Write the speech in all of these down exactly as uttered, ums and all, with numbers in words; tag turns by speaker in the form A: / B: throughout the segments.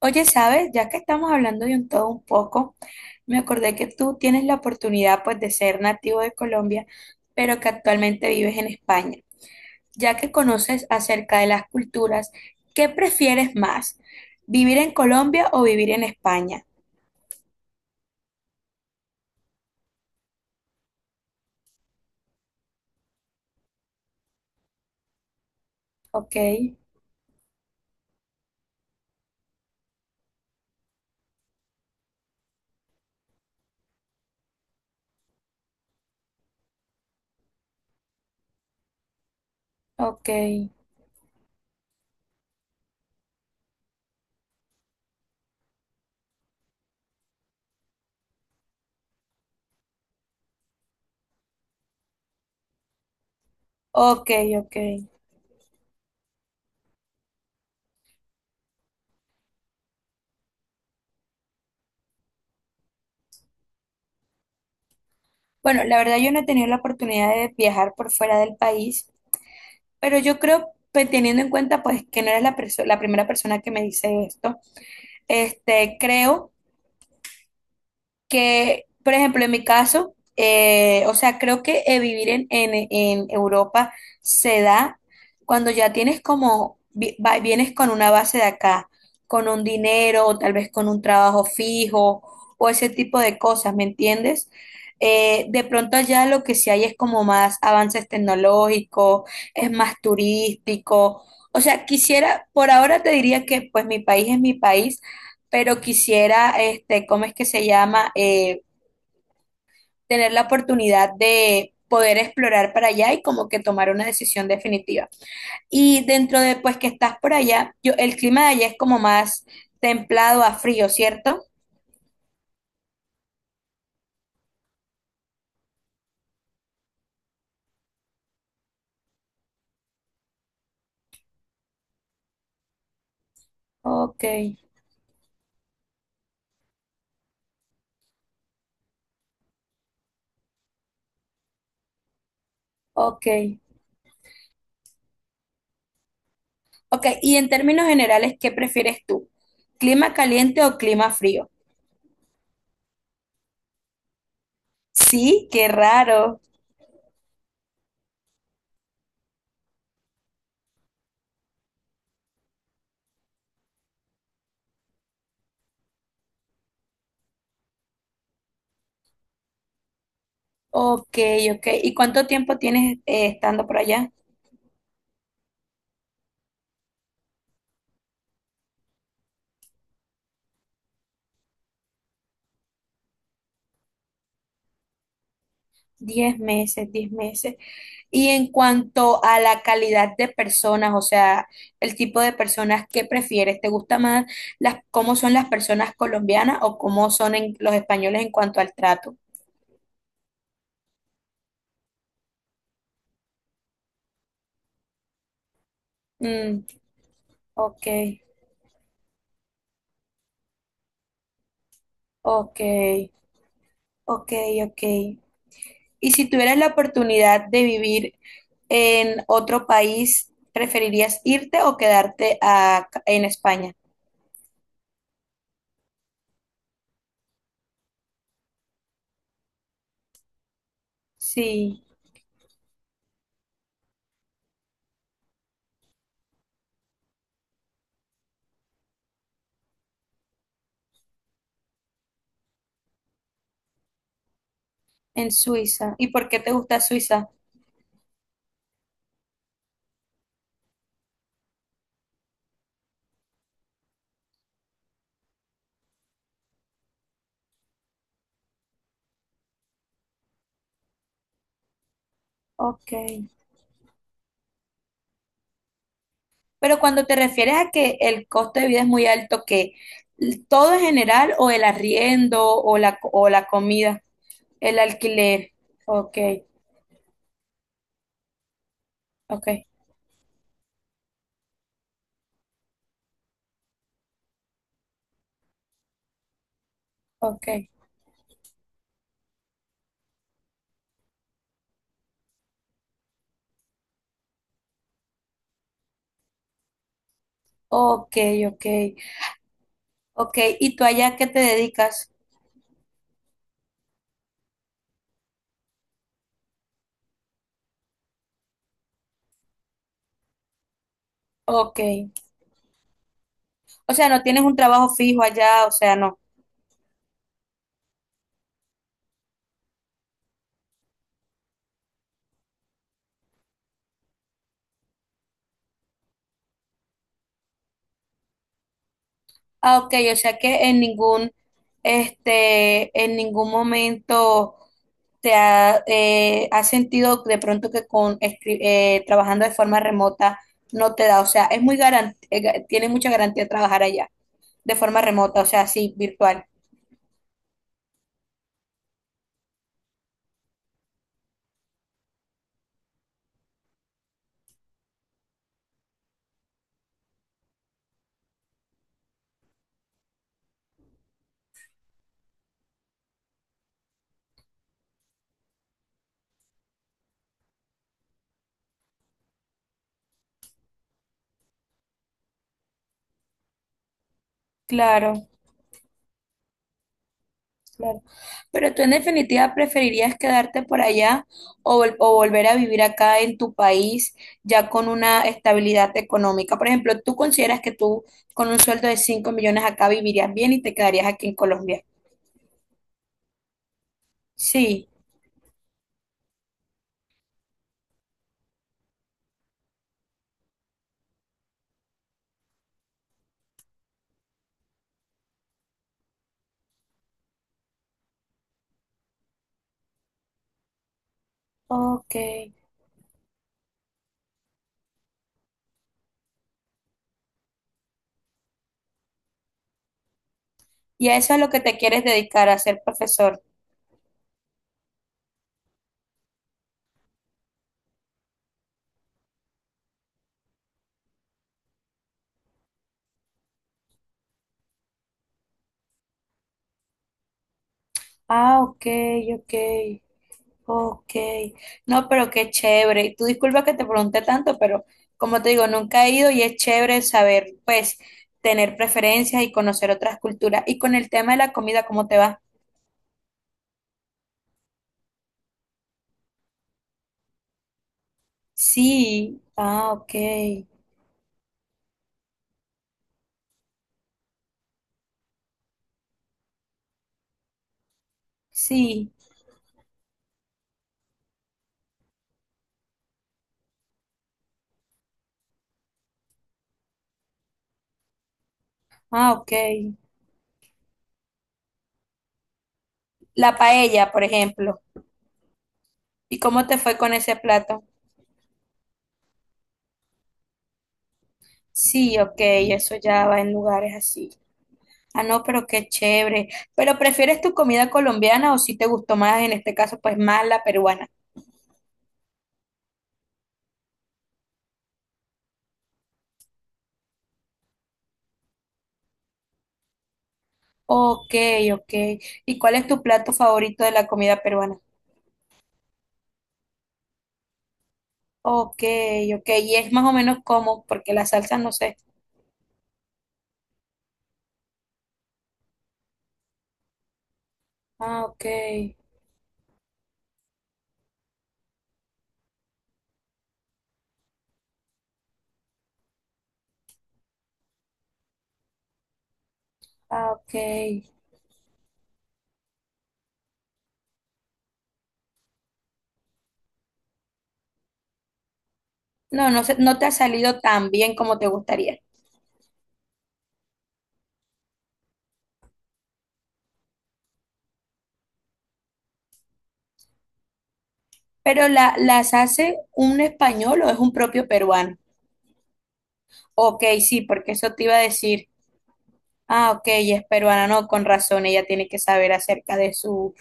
A: Oye, ¿sabes? Ya que estamos hablando de un todo un poco, me acordé que tú tienes la oportunidad pues de ser nativo de Colombia, pero que actualmente vives en España. Ya que conoces acerca de las culturas, ¿qué prefieres más? ¿Vivir en Colombia o vivir en España? Ok, ok, ok, ok. Bueno, la verdad yo no he tenido la oportunidad de viajar por fuera del país, pero yo creo, pues teniendo en cuenta pues que no eres la perso- la primera persona que me dice esto, este, creo que, por ejemplo, en mi caso, eh, o sea, creo que eh, vivir en, en- en Europa se da cuando ya tienes como, vi- va- vienes con una base de acá, con un dinero, o tal vez con un trabajo fijo, o ese tipo de cosas, ¿me entiendes? Eh, de pronto allá lo que sí hay es como más avances tecnológicos, es más turístico. O sea, quisiera, por ahora te diría que pues mi país es mi país, pero quisiera, este, ¿cómo es que se llama? Eh, tener la oportunidad de poder explorar para allá y como que tomar una decisión definitiva. Y dentro de, pues, que estás por allá, yo, el clima de allá es como más templado a frío, ¿cierto? Ok, ok, ok. Y en términos generales, ¿qué prefieres tú? ¿Clima caliente o clima frío? Sí, qué raro. Ok, ok. ¿Y cuánto tiempo tienes eh, estando por allá? Diez meses, diez meses. Y en cuanto a la calidad de personas, o sea, el tipo de personas que prefieres, ¿te gusta más las, cómo son las personas colombianas o cómo son en- los españoles en cuanto al trato? Mm, ok, ok, ok, ok. Y si tuvieras la oportunidad de vivir en otro país, ¿preferirías irte o quedarte a- en España? Sí, en Suiza. ¿Y por qué te gusta Suiza? Ok. Pero cuando te refieres a que el costo de vida es muy alto, que todo en general, o el arriendo, o la, o la comida, el alquiler. Ok, ok, ok, ok, ok, ok. ¿Y tú allá qué te dedicas? Ok. O sea, no tienes un trabajo fijo allá, o sea, no. Ah, ok, o sea que en ningún, este, en ningún momento te ha, eh, has sentido de pronto que con escri- eh, trabajando de forma remota no te da, o sea, es muy garantía, tiene mucha garantía trabajar allá de forma remota, o sea, sí, virtual. Claro. Claro. Pero tú en definitiva preferirías quedarte por allá o, vol- o volver a vivir acá en tu país ya con una estabilidad económica. Por ejemplo, ¿tú consideras que tú con un sueldo de cinco millones acá vivirías bien y te quedarías aquí en Colombia? Sí, ok. Y a eso es lo que te quieres dedicar, a ser profesor. Ah, ok, ok. Ok, no, pero qué chévere. Y Tú disculpa que te pregunté tanto, pero como te digo, nunca he ido y es chévere saber, pues, tener preferencias y conocer otras culturas. Y con el tema de la comida, ¿cómo te va? Sí, ah, ok, sí, ah, ok. La paella, por ejemplo. ¿Y cómo te fue con ese plato? Sí, ok, eso ya va en lugares así. Ah, no, pero qué chévere. ¿Pero prefieres tu comida colombiana o si te gustó más, en este caso, pues más la peruana? Ok, ok. ¿Y cuál es tu plato favorito de la comida peruana? Ok, ok. Y es más o menos como, porque la salsa no sé. Ah, ok, ah, ok. No, no sé, no te ha salido tan bien como te gustaría. Pero la, ¿las hace un español o es un propio peruano? Ok, sí, porque eso te iba a decir. Ah, ok, ella es peruana, no, con razón, ella tiene que saber acerca de su,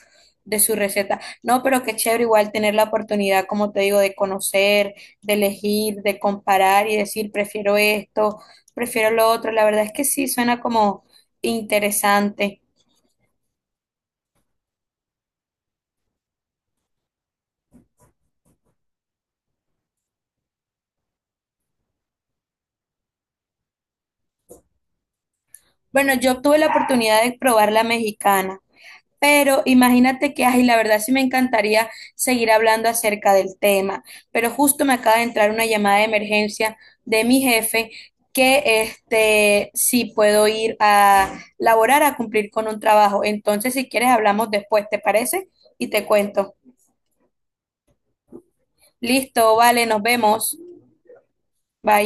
A: de su receta. No, pero qué chévere igual tener la oportunidad, como te digo, de conocer, de elegir, de comparar y decir, prefiero esto, prefiero lo otro. La verdad es que sí, suena como interesante. Bueno, yo tuve la oportunidad de probar la mexicana. Pero imagínate que, ay, la verdad sí me encantaría seguir hablando acerca del tema, pero justo me acaba de entrar una llamada de emergencia de mi jefe que este sí puedo ir a laborar a cumplir con un trabajo. Entonces, si quieres, hablamos después, ¿te parece? Y te cuento. Listo, vale, nos vemos. Bye.